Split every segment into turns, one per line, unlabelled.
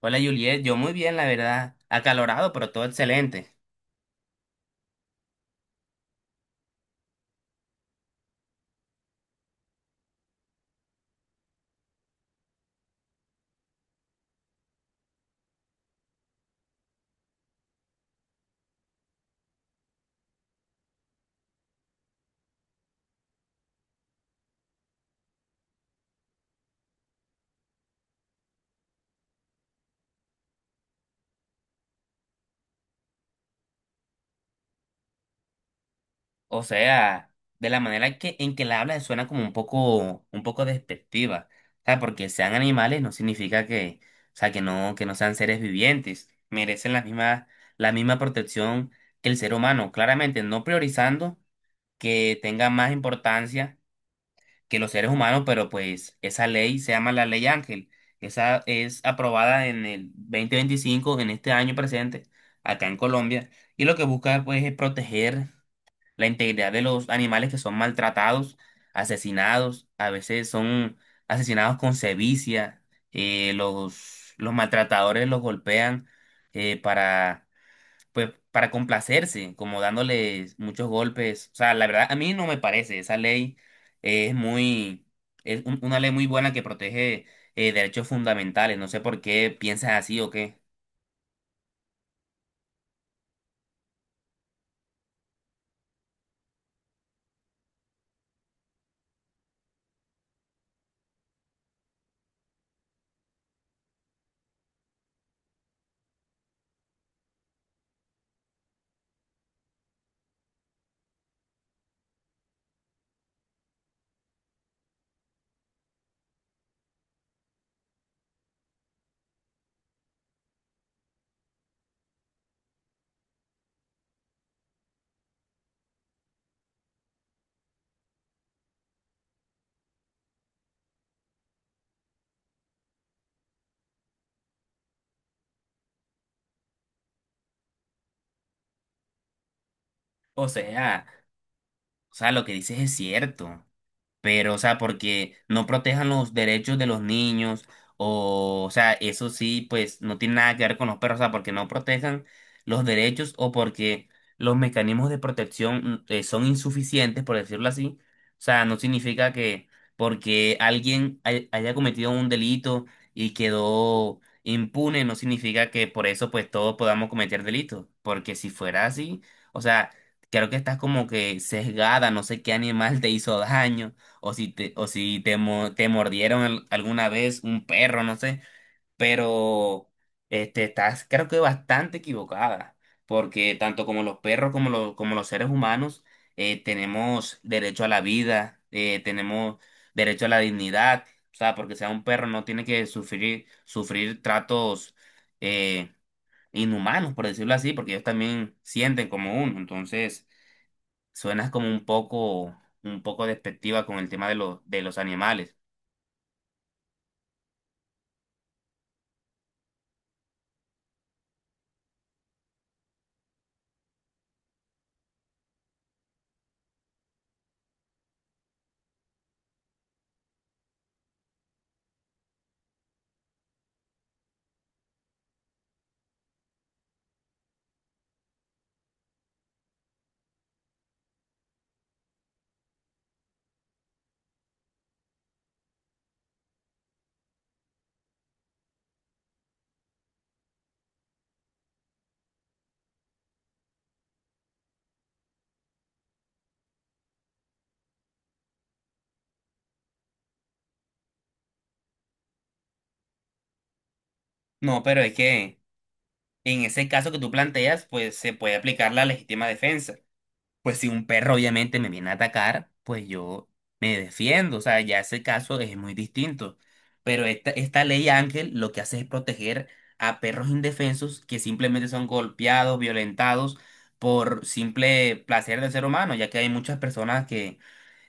Hola Juliet, yo muy bien, la verdad, acalorado, pero todo excelente. O sea, de la manera en que la hablas suena como un poco despectiva. O sea, porque sean animales no significa que, o sea, que no sean seres vivientes. Merecen la misma protección que el ser humano, claramente no priorizando que tenga más importancia que los seres humanos, pero pues esa ley se llama la Ley Ángel. Esa es aprobada en el 2025, en este año presente, acá en Colombia, y lo que busca pues es proteger la integridad de los animales que son maltratados, asesinados, a veces son asesinados con sevicia, los maltratadores los golpean, para pues para complacerse, como dándoles muchos golpes. O sea, la verdad, a mí no me parece. Esa ley es muy, una ley muy buena que protege derechos fundamentales. No sé por qué piensas así o qué. O sea, o sea, lo que dices es cierto, pero, o sea, porque no protejan los derechos de los niños, o sea, eso sí, pues no tiene nada que ver con los perros. O sea, porque no protejan los derechos o porque los mecanismos de protección son insuficientes, por decirlo así. O sea, no significa que porque haya cometido un delito y quedó impune, no significa que por eso pues todos podamos cometer delitos, porque si fuera así, o sea, creo que estás como que sesgada. No sé qué animal te hizo daño o si te mordieron alguna vez un perro, no sé, pero este, estás creo que bastante equivocada, porque tanto como los perros como los seres humanos tenemos derecho a la vida, tenemos derecho a la dignidad. O sea, porque sea un perro no tiene que sufrir, sufrir tratos eh, inhumanos, por decirlo así, porque ellos también sienten como uno, entonces... Suenas como un poco despectiva con el tema de de los animales. No, pero es que en ese caso que tú planteas, pues se puede aplicar la legítima defensa. Pues si un perro obviamente me viene a atacar, pues yo me defiendo. O sea, ya ese caso es muy distinto. Pero esta ley Ángel lo que hace es proteger a perros indefensos que simplemente son golpeados, violentados por simple placer del ser humano, ya que hay muchas personas que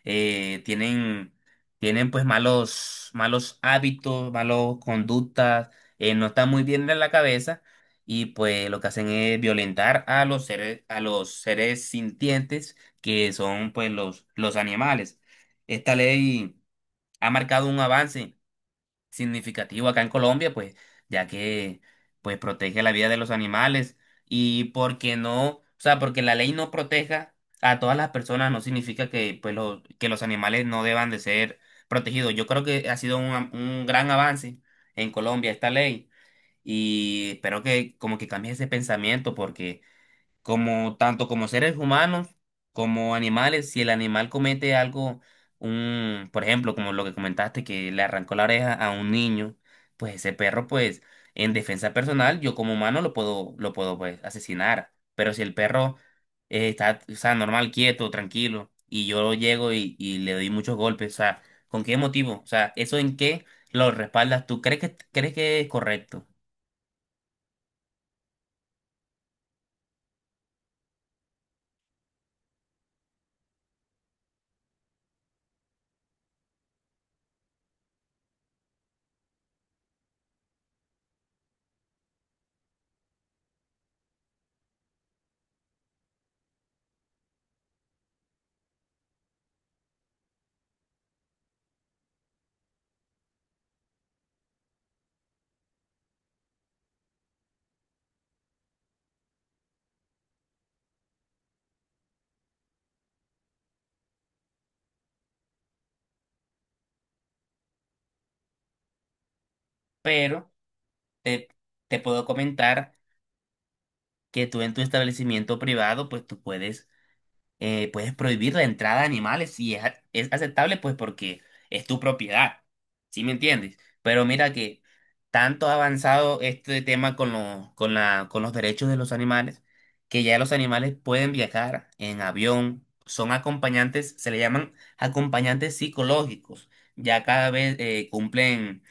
eh, tienen, tienen pues malos, malos hábitos, malos conductas, no están muy bien de la cabeza, y pues lo que hacen es violentar a los seres sintientes que son pues los animales. Esta ley ha marcado un avance significativo acá en Colombia, pues, ya que pues protege la vida de los animales. Y porque no, o sea, porque la ley no proteja a todas las personas no significa que que los animales no deban de ser protegidos. Yo creo que ha sido un gran avance en Colombia esta ley, y espero que como que cambie ese pensamiento, porque como tanto como seres humanos como animales, si el animal comete algo, un, por ejemplo, como lo que comentaste, que le arrancó la oreja a un niño, pues ese perro, pues, en defensa personal, yo como humano lo puedo, pues, asesinar. Pero si el perro está, o sea, normal, quieto, tranquilo, y yo llego y le doy muchos golpes, o sea, ¿con qué motivo? O sea, ¿eso en qué lo respaldas tú? ¿Crees que es correcto? Pero te, te puedo comentar que tú en tu establecimiento privado, pues tú puedes, puedes prohibir la entrada de animales si es aceptable, pues porque es tu propiedad, ¿sí me entiendes? Pero mira que tanto ha avanzado este tema con, lo- con, la, con los derechos de los animales, que ya los animales pueden viajar en avión, son acompañantes, se le llaman acompañantes psicológicos, ya cada vez cumplen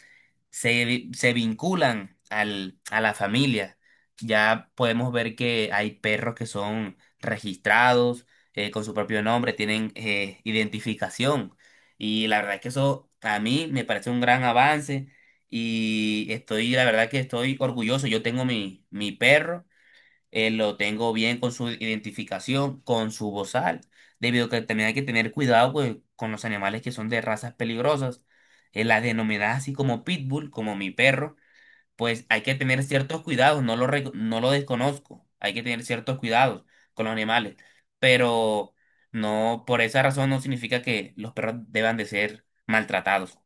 se vinculan a la familia. Ya podemos ver que hay perros que son registrados, con su propio nombre, tienen, identificación. Y la verdad es que eso a mí me parece un gran avance, y estoy, la verdad que estoy orgulloso. Yo tengo mi perro, lo tengo bien con su identificación, con su bozal, debido a que también hay que tener cuidado pues, con los animales que son de razas peligrosas, las denominadas así como pitbull, como mi perro, pues hay que tener ciertos cuidados, no lo desconozco, hay que tener ciertos cuidados con los animales, pero no, por esa razón no significa que los perros deban de ser maltratados.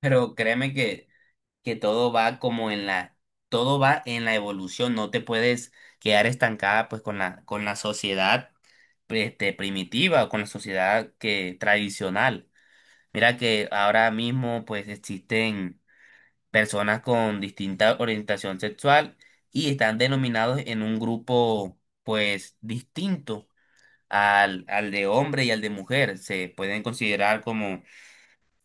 Pero créeme que todo va como en la, todo va en la evolución. No te puedes quedar estancada pues con la sociedad este, primitiva, o con la sociedad que tradicional. Mira que ahora mismo pues existen personas con distinta orientación sexual y están denominados en un grupo pues distinto al de hombre y al de mujer. Se pueden considerar como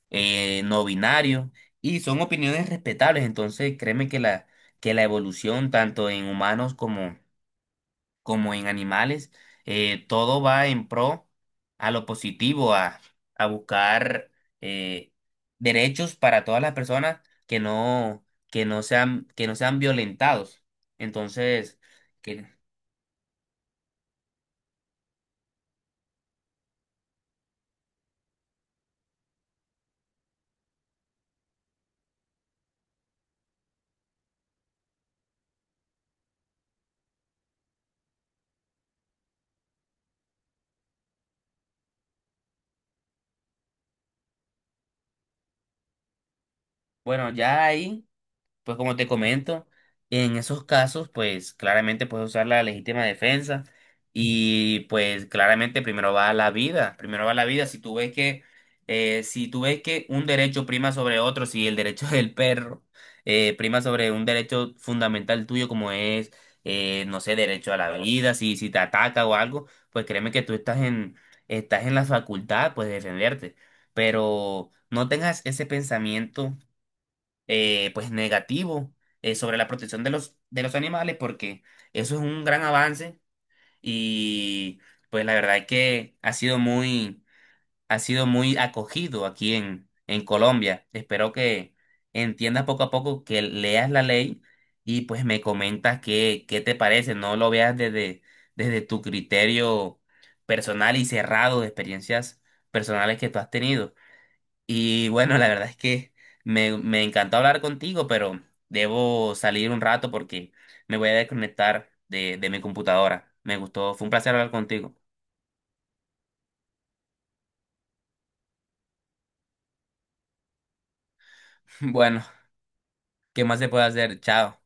no binario, y son opiniones respetables. Entonces, créeme que que la evolución, tanto en humanos como, como en animales, todo va en pro a lo positivo, a buscar eh, derechos para todas las personas que no, que no sean violentados. Entonces, que, bueno, ya ahí. Pues como te comento, en esos casos, pues claramente puedes usar la legítima defensa, y pues claramente primero va la vida, primero va la vida. Si tú ves que, si tú ves que un derecho prima sobre otro, si el derecho del perro prima sobre un derecho fundamental tuyo como es, no sé, derecho a la vida, si te ataca o algo, pues créeme que estás en la facultad, pues de defenderte. Pero no tengas ese pensamiento pues negativo, sobre la protección de de los animales, porque eso es un gran avance, y pues la verdad es que ha sido muy acogido aquí en Colombia. Espero que entiendas poco a poco, que leas la ley, y pues me comentas qué te parece. No lo veas desde, desde tu criterio personal y cerrado de experiencias personales que tú has tenido. Y bueno, la verdad es que me encantó hablar contigo, pero debo salir un rato porque me voy a desconectar de mi computadora. Me gustó, fue un placer hablar contigo. Bueno, ¿qué más se puede hacer? Chao.